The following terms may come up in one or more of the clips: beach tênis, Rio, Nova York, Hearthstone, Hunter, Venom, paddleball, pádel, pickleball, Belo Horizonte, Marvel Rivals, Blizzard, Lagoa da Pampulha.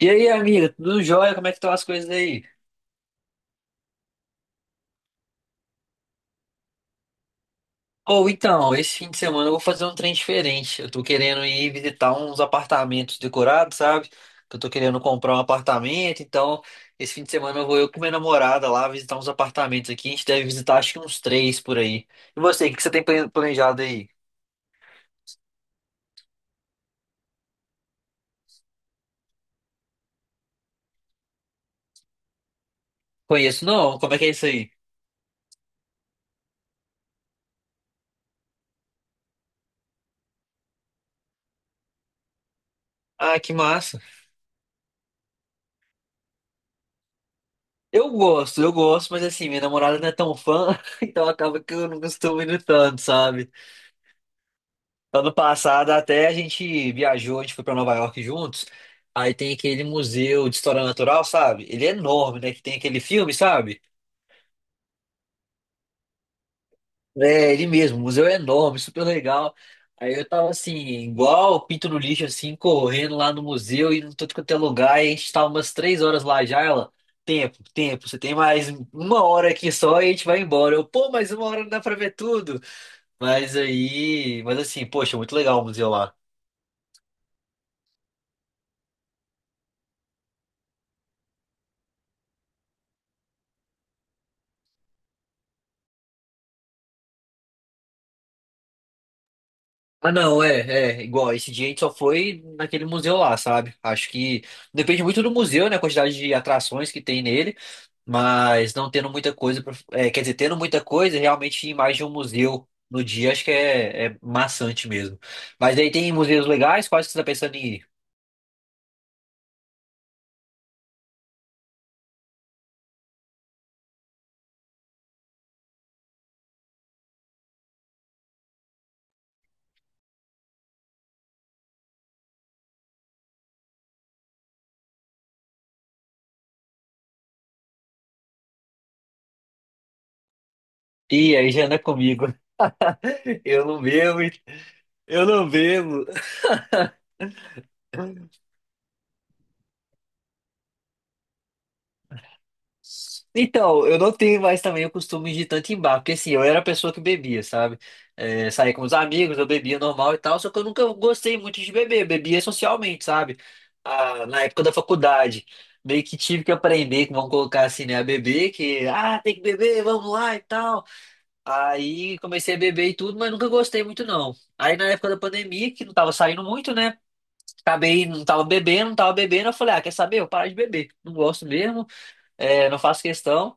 E aí, amiga, tudo jóia? Como é que estão as coisas aí? Ou então, esse fim de semana eu vou fazer um trem diferente. Eu tô querendo ir visitar uns apartamentos decorados, sabe? Que eu tô querendo comprar um apartamento, então esse fim de semana eu com minha namorada lá visitar uns apartamentos aqui. A gente deve visitar acho que uns três por aí. E você, o que que você tem planejado aí? Conheço não? Como é que é isso aí? Ah, que massa. Eu gosto, mas assim, minha namorada não é tão fã, então acaba que eu não costumo ir tanto, sabe? Ano passado até a gente viajou, a gente foi para Nova York juntos. Aí tem aquele museu de história natural, sabe? Ele é enorme, né? Que tem aquele filme, sabe? É, ele mesmo, o museu é enorme, super legal. Aí eu tava assim, igual pinto no lixo, assim, correndo lá no museu e não tô quanto é lugar. E a gente tava umas 3 horas lá já, ela. Tempo, tempo, você tem mais uma hora aqui só e a gente vai embora. Eu, pô, mais uma hora não dá pra ver tudo. Mas aí, mas assim, poxa, muito legal o museu lá. Ah, não, é, é, igual, esse dia a gente só foi naquele museu lá, sabe? Acho que depende muito do museu, né, a quantidade de atrações que tem nele, mas não tendo muita coisa, é, quer dizer, tendo muita coisa, realmente ir mais de um museu no dia, acho que é maçante mesmo. Mas aí tem museus legais, quais que você tá pensando em ir? Ih, aí já não é comigo. Eu não bebo, hein? Eu não bebo. Então, eu não tenho mais também o costume de tanto em bar, porque assim, eu era a pessoa que bebia, sabe? É, saía com os amigos, eu bebia normal e tal, só que eu nunca gostei muito de beber, eu bebia socialmente, sabe? Ah, na época da faculdade, meio que tive que aprender, que vão colocar assim, né, a beber, que, ah, tem que beber, vamos lá e tal. Aí comecei a beber e tudo, mas nunca gostei muito não. Aí na época da pandemia, que não tava saindo muito, né? Acabei, não tava bebendo, não tava bebendo, eu falei, ah, quer saber? Eu paro de beber, não gosto mesmo, é, não faço questão.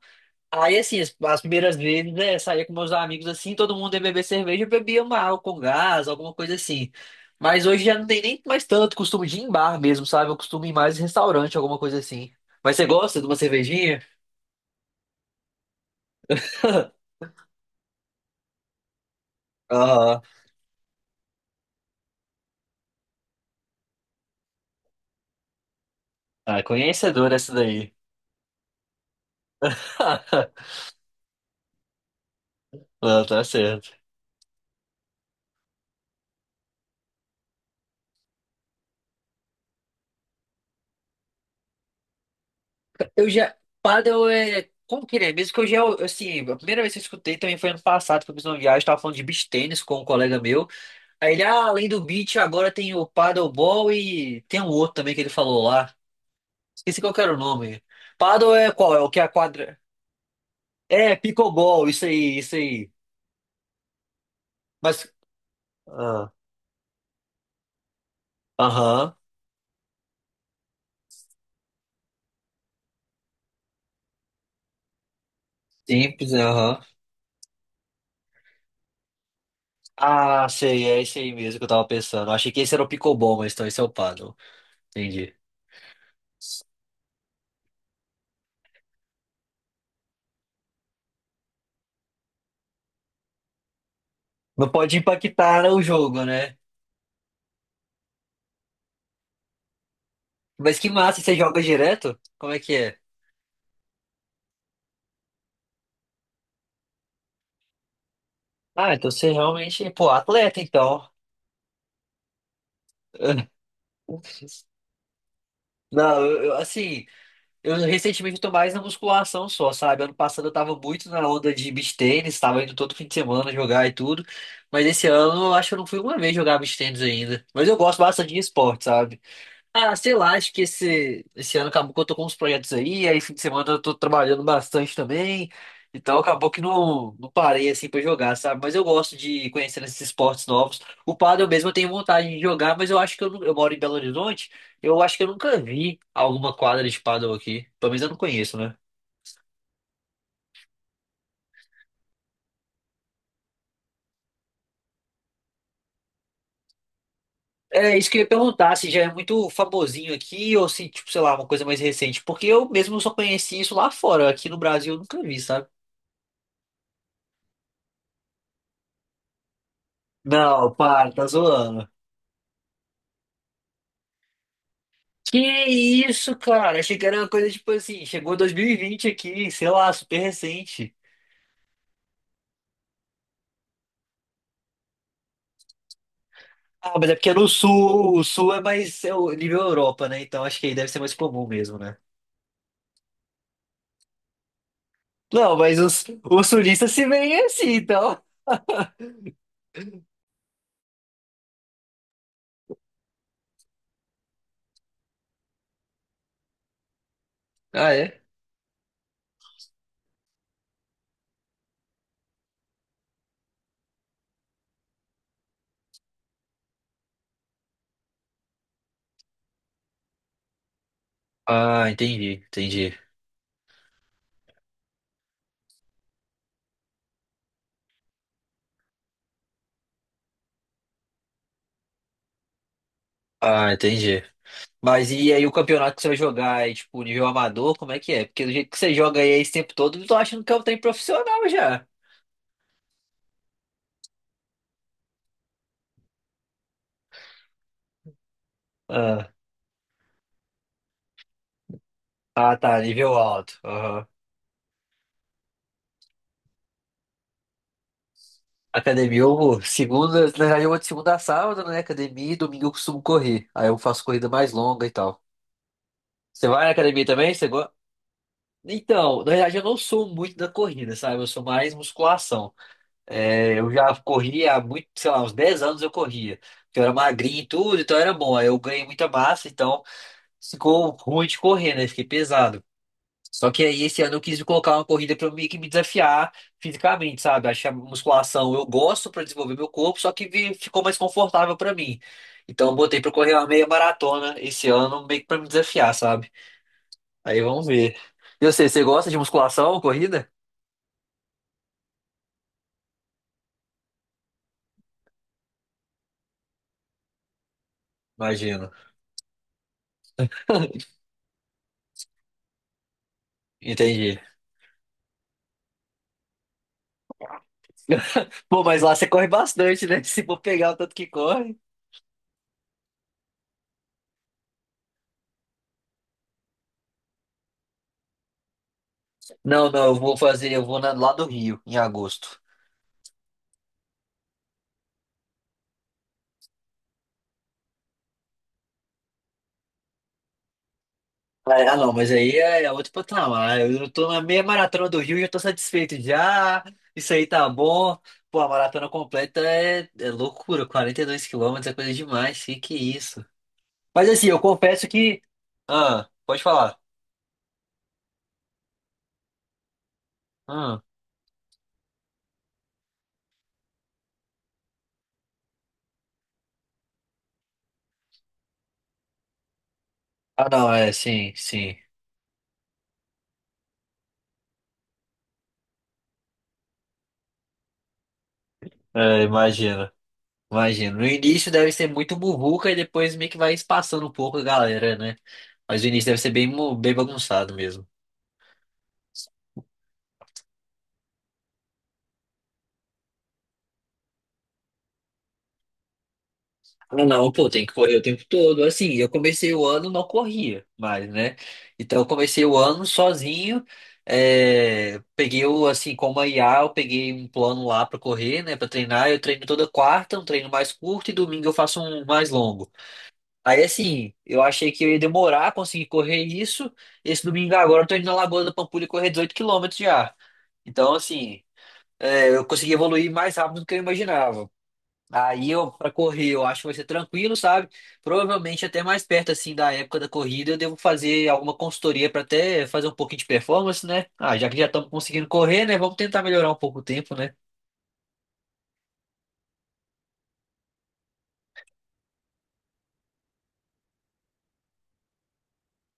Aí, assim, as primeiras vezes, é, saía com meus amigos assim, todo mundo ia beber cerveja, eu bebia uma água com gás, alguma coisa assim. Mas hoje já não tem nem mais tanto costume de ir em bar mesmo, sabe? Eu costumo ir mais em restaurante, alguma coisa assim. Mas você gosta de uma cervejinha? Aham. Ah, conhecedor essa daí. Não, tá certo. Eu já. Paddle é. Como que ele é? Mesmo que eu já. Assim, a primeira vez que eu escutei também foi ano passado, que eu fiz uma viagem, tava falando de beach tênis com um colega meu. Aí ele, ah, além do beach, agora tem o paddleball e tem um outro também que ele falou lá. Esqueci qual que era o nome. Paddle é qual? É o que é a quadra? É, pickleball, isso aí, isso aí. Mas, ah, aham, simples, né, aham. Ah, sei, é isso aí mesmo que eu tava pensando. Eu achei que esse era o pickleball, mas então esse é o paddle. Entendi. Não pode impactar o jogo, né? Mas que massa, você joga direto? Como é que é? Ah, então você realmente, pô, atleta, então. Não, assim, eu recentemente tô mais na musculação só, sabe? Ano passado eu tava muito na onda de beach tênis, tava indo todo fim de semana jogar e tudo. Mas esse ano eu acho que eu não fui uma vez jogar beach tênis ainda. Mas eu gosto bastante de esporte, sabe? Ah, sei lá, acho que esse ano acabou que eu tô com uns projetos aí, fim de semana eu tô trabalhando bastante também, então acabou que não, não parei assim pra jogar, sabe? Mas eu gosto de conhecer esses esportes novos. O pádel mesmo eu tenho vontade de jogar, mas eu acho que eu moro em Belo Horizonte, eu acho que eu nunca vi alguma quadra de pádel aqui, pelo menos eu não conheço, né? É, isso que eu ia perguntar, se já é muito famosinho aqui ou se, tipo, sei lá, uma coisa mais recente, porque eu mesmo só conheci isso lá fora, aqui no Brasil eu nunca vi, sabe? Não, para, tá zoando. Que isso, cara? Achei que era uma coisa tipo assim, chegou 2020 aqui, sei lá, super recente. Ah, mas é porque é no sul, o sul é mais é o nível Europa, né? Então acho que aí deve ser mais comum mesmo, né? Não, mas os sulistas se veem assim, então. Ah, é? Ah, entendi, entendi. Ah, entendi. Mas e aí o campeonato que você vai jogar é tipo nível amador, como é que é? Porque do jeito que você joga aí esse tempo todo, eu tô achando que é um trem profissional já. Ah, ah, tá, nível alto. Academia, eu vou. Segunda, na verdade, eu vou de segunda a sábado, né? Academia e domingo eu costumo correr. Aí eu faço corrida mais longa e tal. Você vai na academia também? Você gosta? Então, na verdade, eu não sou muito da corrida, sabe? Eu sou mais musculação. É, eu já corri há muito, sei lá, uns 10 anos eu corria. Porque eu era magrinho e tudo, então era bom. Aí eu ganhei muita massa, então ficou ruim de correr, né? Fiquei pesado. Só que aí esse ano eu quis colocar uma corrida para eu meio que me desafiar fisicamente, sabe? Achei a musculação, eu gosto para desenvolver meu corpo, só que ficou mais confortável para mim. Então eu botei para correr uma meia maratona esse ano, meio que para me desafiar, sabe? Aí vamos ver. E você gosta de musculação, corrida? Imagino. Entendi. Pô, mas lá você corre bastante, né? Se for pegar o tanto que corre. Não, não, eu vou lá do Rio, em agosto. Ah, ah, não, mas aí é outro patamar. Eu tô na meia maratona do Rio e já tô satisfeito já. Isso aí tá bom. Pô, a maratona completa é loucura. 42 quilômetros é coisa demais. Que é isso? Mas assim, eu confesso que. Ah, pode falar. Ah, ah não, é, sim, sim. É, imagina. Imagina. No início deve ser muito muvuca e depois meio que vai espaçando um pouco a galera, né? Mas o início deve ser bem bagunçado mesmo. Ah, não, pô, tem que correr o tempo todo. Assim, eu comecei o ano, não corria mais, né? Então, eu comecei o ano sozinho. É, peguei o, assim, como a IA, eu peguei um plano lá pra correr, né? Pra treinar. Eu treino toda quarta, um treino mais curto, e domingo eu faço um mais longo. Aí, assim, eu achei que eu ia demorar a conseguir correr isso. Esse domingo agora eu tô indo na Lagoa da Pampulha correr 18 quilômetros já. Então, assim, é, eu consegui evoluir mais rápido do que eu imaginava. Aí eu, pra correr, eu acho que vai ser tranquilo, sabe? Provavelmente até mais perto, assim, da época da corrida, eu devo fazer alguma consultoria pra até fazer um pouquinho de performance, né? Ah, já que já estamos conseguindo correr, né? Vamos tentar melhorar um pouco o tempo, né?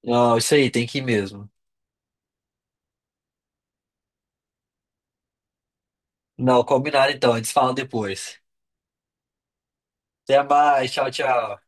Não, isso aí, tem que ir mesmo. Não, combinado então, a gente se fala depois. Até mais, tchau, tchau.